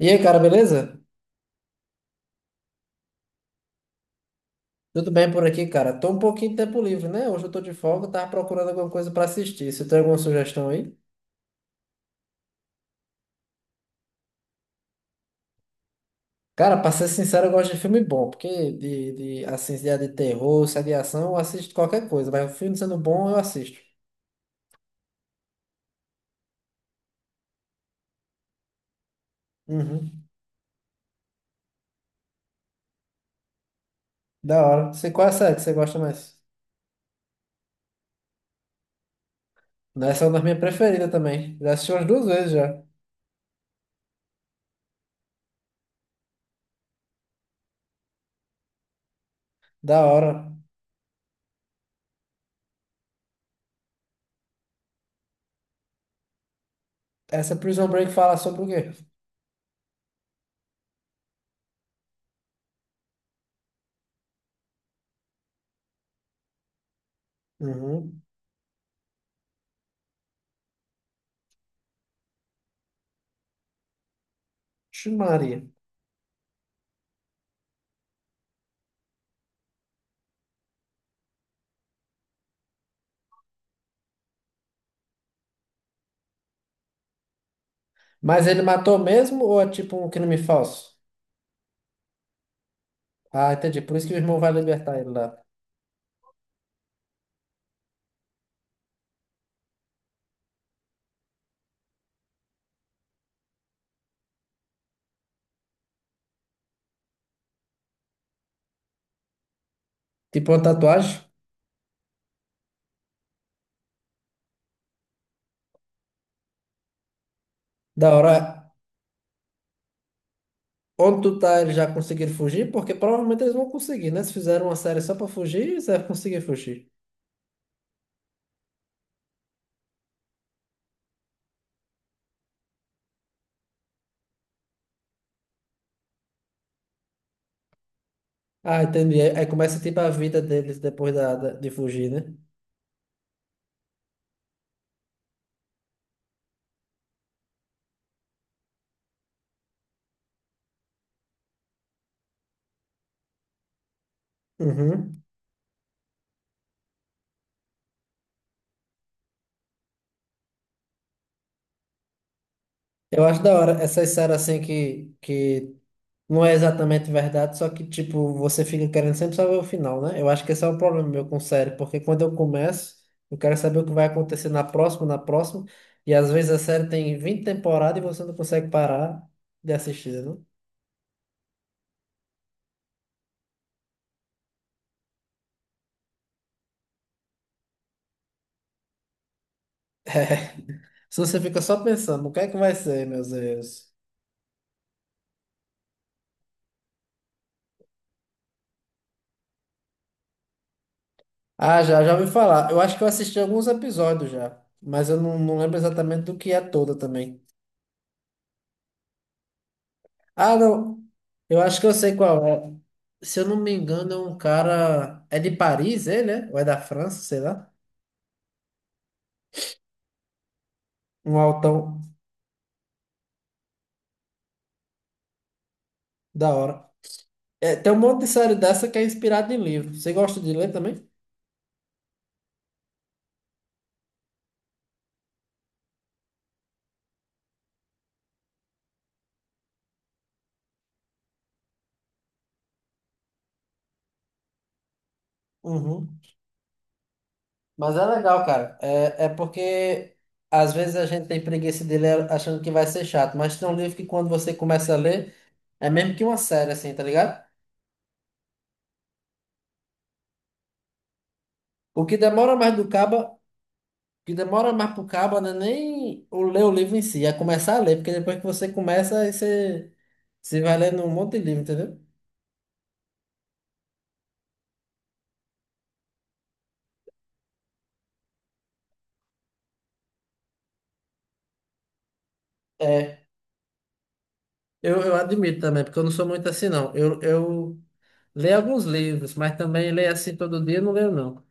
E aí, cara, beleza? Tudo bem por aqui, cara? Tô um pouquinho de tempo livre, né? Hoje eu tô de folga, tava procurando alguma coisa pra assistir. Você tem alguma sugestão aí? Cara, pra ser sincero, eu gosto de filme bom, porque de assim, se é de terror, se é de ação, eu assisto qualquer coisa, mas o filme sendo bom, eu assisto. Uhum. Da hora. Você, qual é a série que você gosta mais? Essa é uma das minhas preferidas também. Já assisti umas duas vezes já. Da hora. Essa Prison Break fala sobre o quê? Uhum. Ixi, Maria. Mas ele matou mesmo ou é tipo um crime falso? Ah, entendi. Por isso que o irmão vai libertar ele lá. Tipo uma tatuagem. Da hora. Onde tu tá, eles já conseguiram fugir? Porque provavelmente eles vão conseguir, né? Se fizeram uma série só pra fugir, eles devem conseguir fugir. Ah, entendi. Aí começa tipo a vida deles depois de fugir, né? Uhum. Eu acho da hora essas séries assim que não é exatamente verdade, só que, tipo, você fica querendo sempre saber o final, né? Eu acho que esse é o problema meu com série, porque quando eu começo, eu quero saber o que vai acontecer na próxima, e às vezes a série tem 20 temporadas e você não consegue parar de assistir, né? Se você fica só pensando, o que é que vai ser, meus Deus? Ah, já, já ouvi falar. Eu acho que eu assisti alguns episódios já, mas eu não, não lembro exatamente do que é toda também. Ah, não. Eu acho que eu sei qual é. Se eu não me engano, é um cara. É de Paris, ele, né? Ou é da França, sei lá. Um altão da hora. É, tem um monte de série dessa que é inspirada em livro. Você gosta de ler também? Uhum. Mas é legal, cara. Porque às vezes a gente tem preguiça de ler achando que vai ser chato. Mas tem um livro que quando você começa a ler, é mesmo que uma série, assim, tá ligado? O que demora mais do cabo que demora mais pro cabo não é nem o ler o livro em si, é começar a ler, porque depois que você começa, você vai lendo um monte de livro, entendeu? É, eu admito também, porque eu não sou muito assim, não. Eu leio alguns livros, mas também leio assim todo dia, eu não leio, não.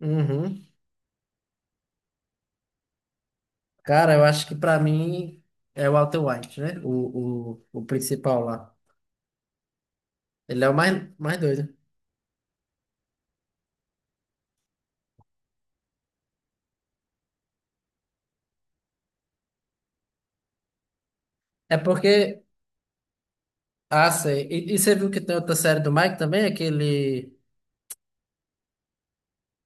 Uhum. Cara, eu acho que pra mim é o Walter White, né? O principal lá. Ele é o mais, mais doido. É porque. Ah, sei. E você viu que tem outra série do Mike também? Aquele.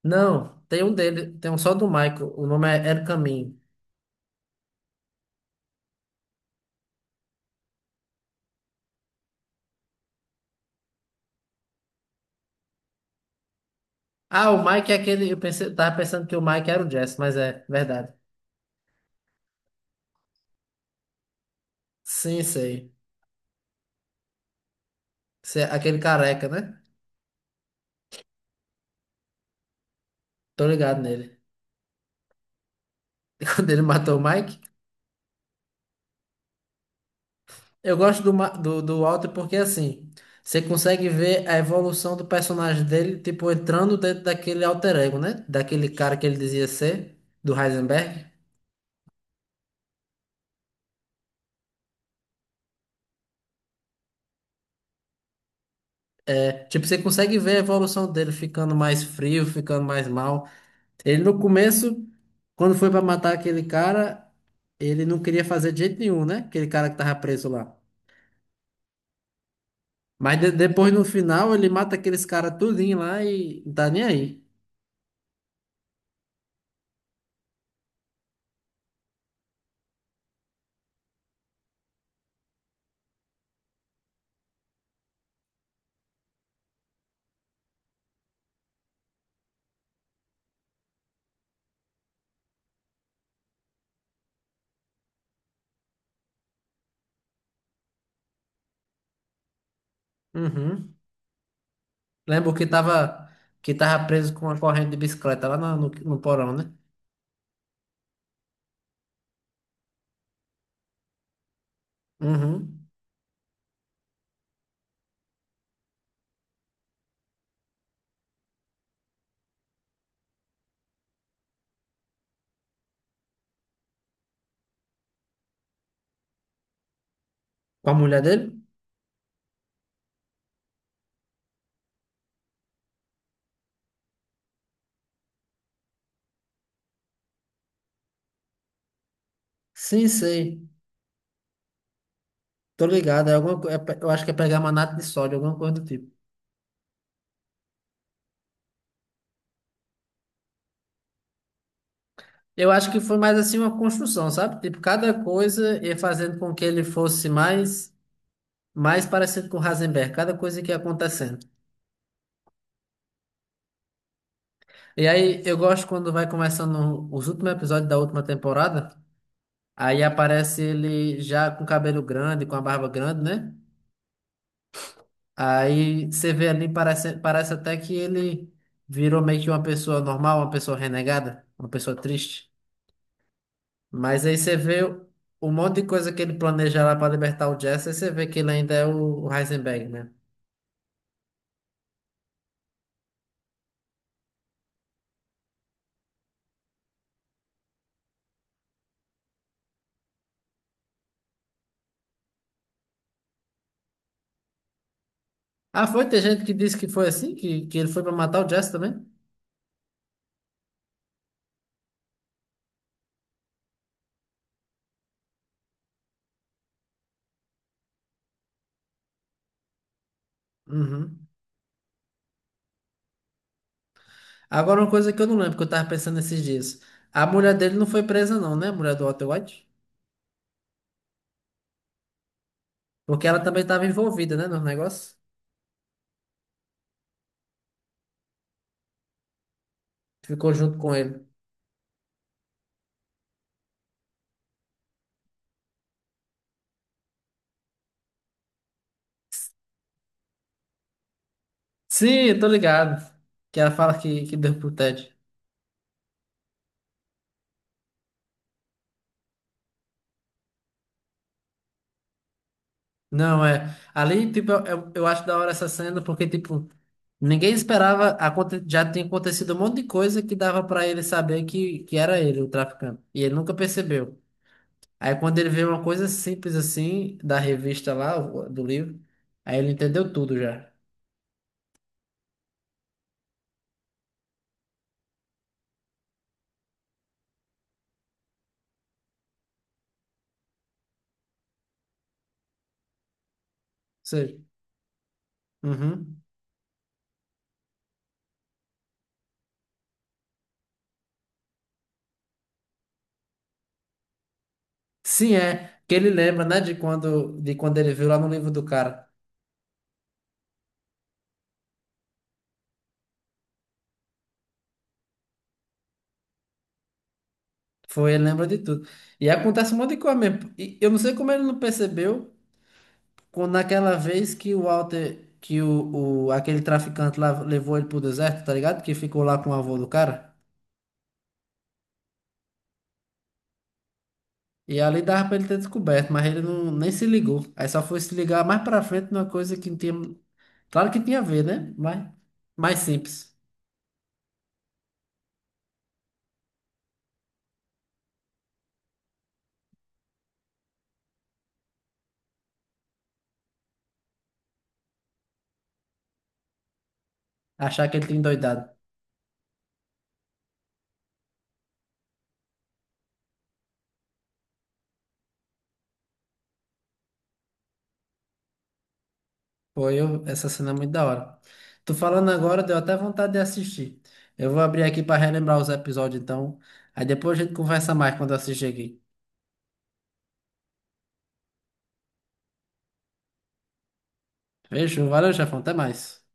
Não, tem um dele, tem um só do Michael. O nome é Era o Caminho. Ah, o Mike é aquele. Eu pensei, tava pensando que o Mike era o Jess, mas é verdade. Sim, sei. Esse é aquele careca, né? Tô ligado nele. Quando ele matou o Mike. Eu gosto do Walter porque assim, você consegue ver a evolução do personagem dele, tipo, entrando dentro daquele alter ego, né? Daquele cara que ele dizia ser, do Heisenberg. É, tipo, você consegue ver a evolução dele ficando mais frio, ficando mais mal. Ele no começo, quando foi pra matar aquele cara, ele não queria fazer de jeito nenhum, né? Aquele cara que tava preso lá. Mas depois no final ele mata aqueles caras tudinho lá e não tá nem aí. Uhum. Lembro que tava preso com uma corrente de bicicleta lá no porão, né? Uhum. Com a mulher dele? Sim, sei. Tô ligado. É alguma, co- é pe- eu acho que é pegar manato de sódio, alguma coisa do tipo. Eu acho que foi mais assim uma construção, sabe? Tipo, cada coisa ia fazendo com que ele fosse mais parecido com Heisenberg, cada coisa que ia acontecendo. E aí eu gosto quando vai começando os últimos episódios da última temporada, aí aparece ele já com cabelo grande, com a barba grande, né? Aí você vê ali, parece até que ele virou meio que uma pessoa normal, uma pessoa renegada, uma pessoa triste. Mas aí você vê o monte de coisa que ele planeja lá para libertar o Jesse, aí você vê que ele ainda é o Heisenberg, né? Ah, foi? Tem gente que disse que foi assim, que ele foi para matar o Jesse também? Uhum. Agora, uma coisa que eu não lembro, que eu tava pensando esses dias. A mulher dele não foi presa, não, né? A mulher do Walter White? Porque ela também tava envolvida, né, no negócio. Ficou junto com ele. Sim, eu tô ligado. Que ela fala que deu pro Ted. Não, é. Ali, tipo, eu acho da hora essa cena, porque, tipo, ninguém esperava. Já tinha acontecido um monte de coisa que dava pra ele saber que era ele, o traficante. E ele nunca percebeu. Aí, quando ele vê uma coisa simples assim, da revista lá, do livro, aí ele entendeu tudo já. Sei. Uhum. Sim, é. Que ele lembra, né, de quando ele viu lá no livro do cara. Foi, ele lembra de tudo. E acontece um monte de coisa mesmo. E eu não sei como ele não percebeu quando naquela vez que o Walter, que o aquele traficante lá levou ele pro deserto, tá ligado? Que ficou lá com o avô do cara. E ali dava pra ele ter descoberto, mas ele não, nem se ligou. Aí só foi se ligar mais pra frente numa coisa que não tinha. Claro que tinha a ver, né? Mas mais simples. Achar que ele tinha endoidado. Foi eu, essa cena é muito da hora. Tu falando agora, deu até vontade de assistir. Eu vou abrir aqui pra relembrar os episódios então. Aí depois a gente conversa mais quando eu assistir aqui. Beijo, valeu, chefão, até mais.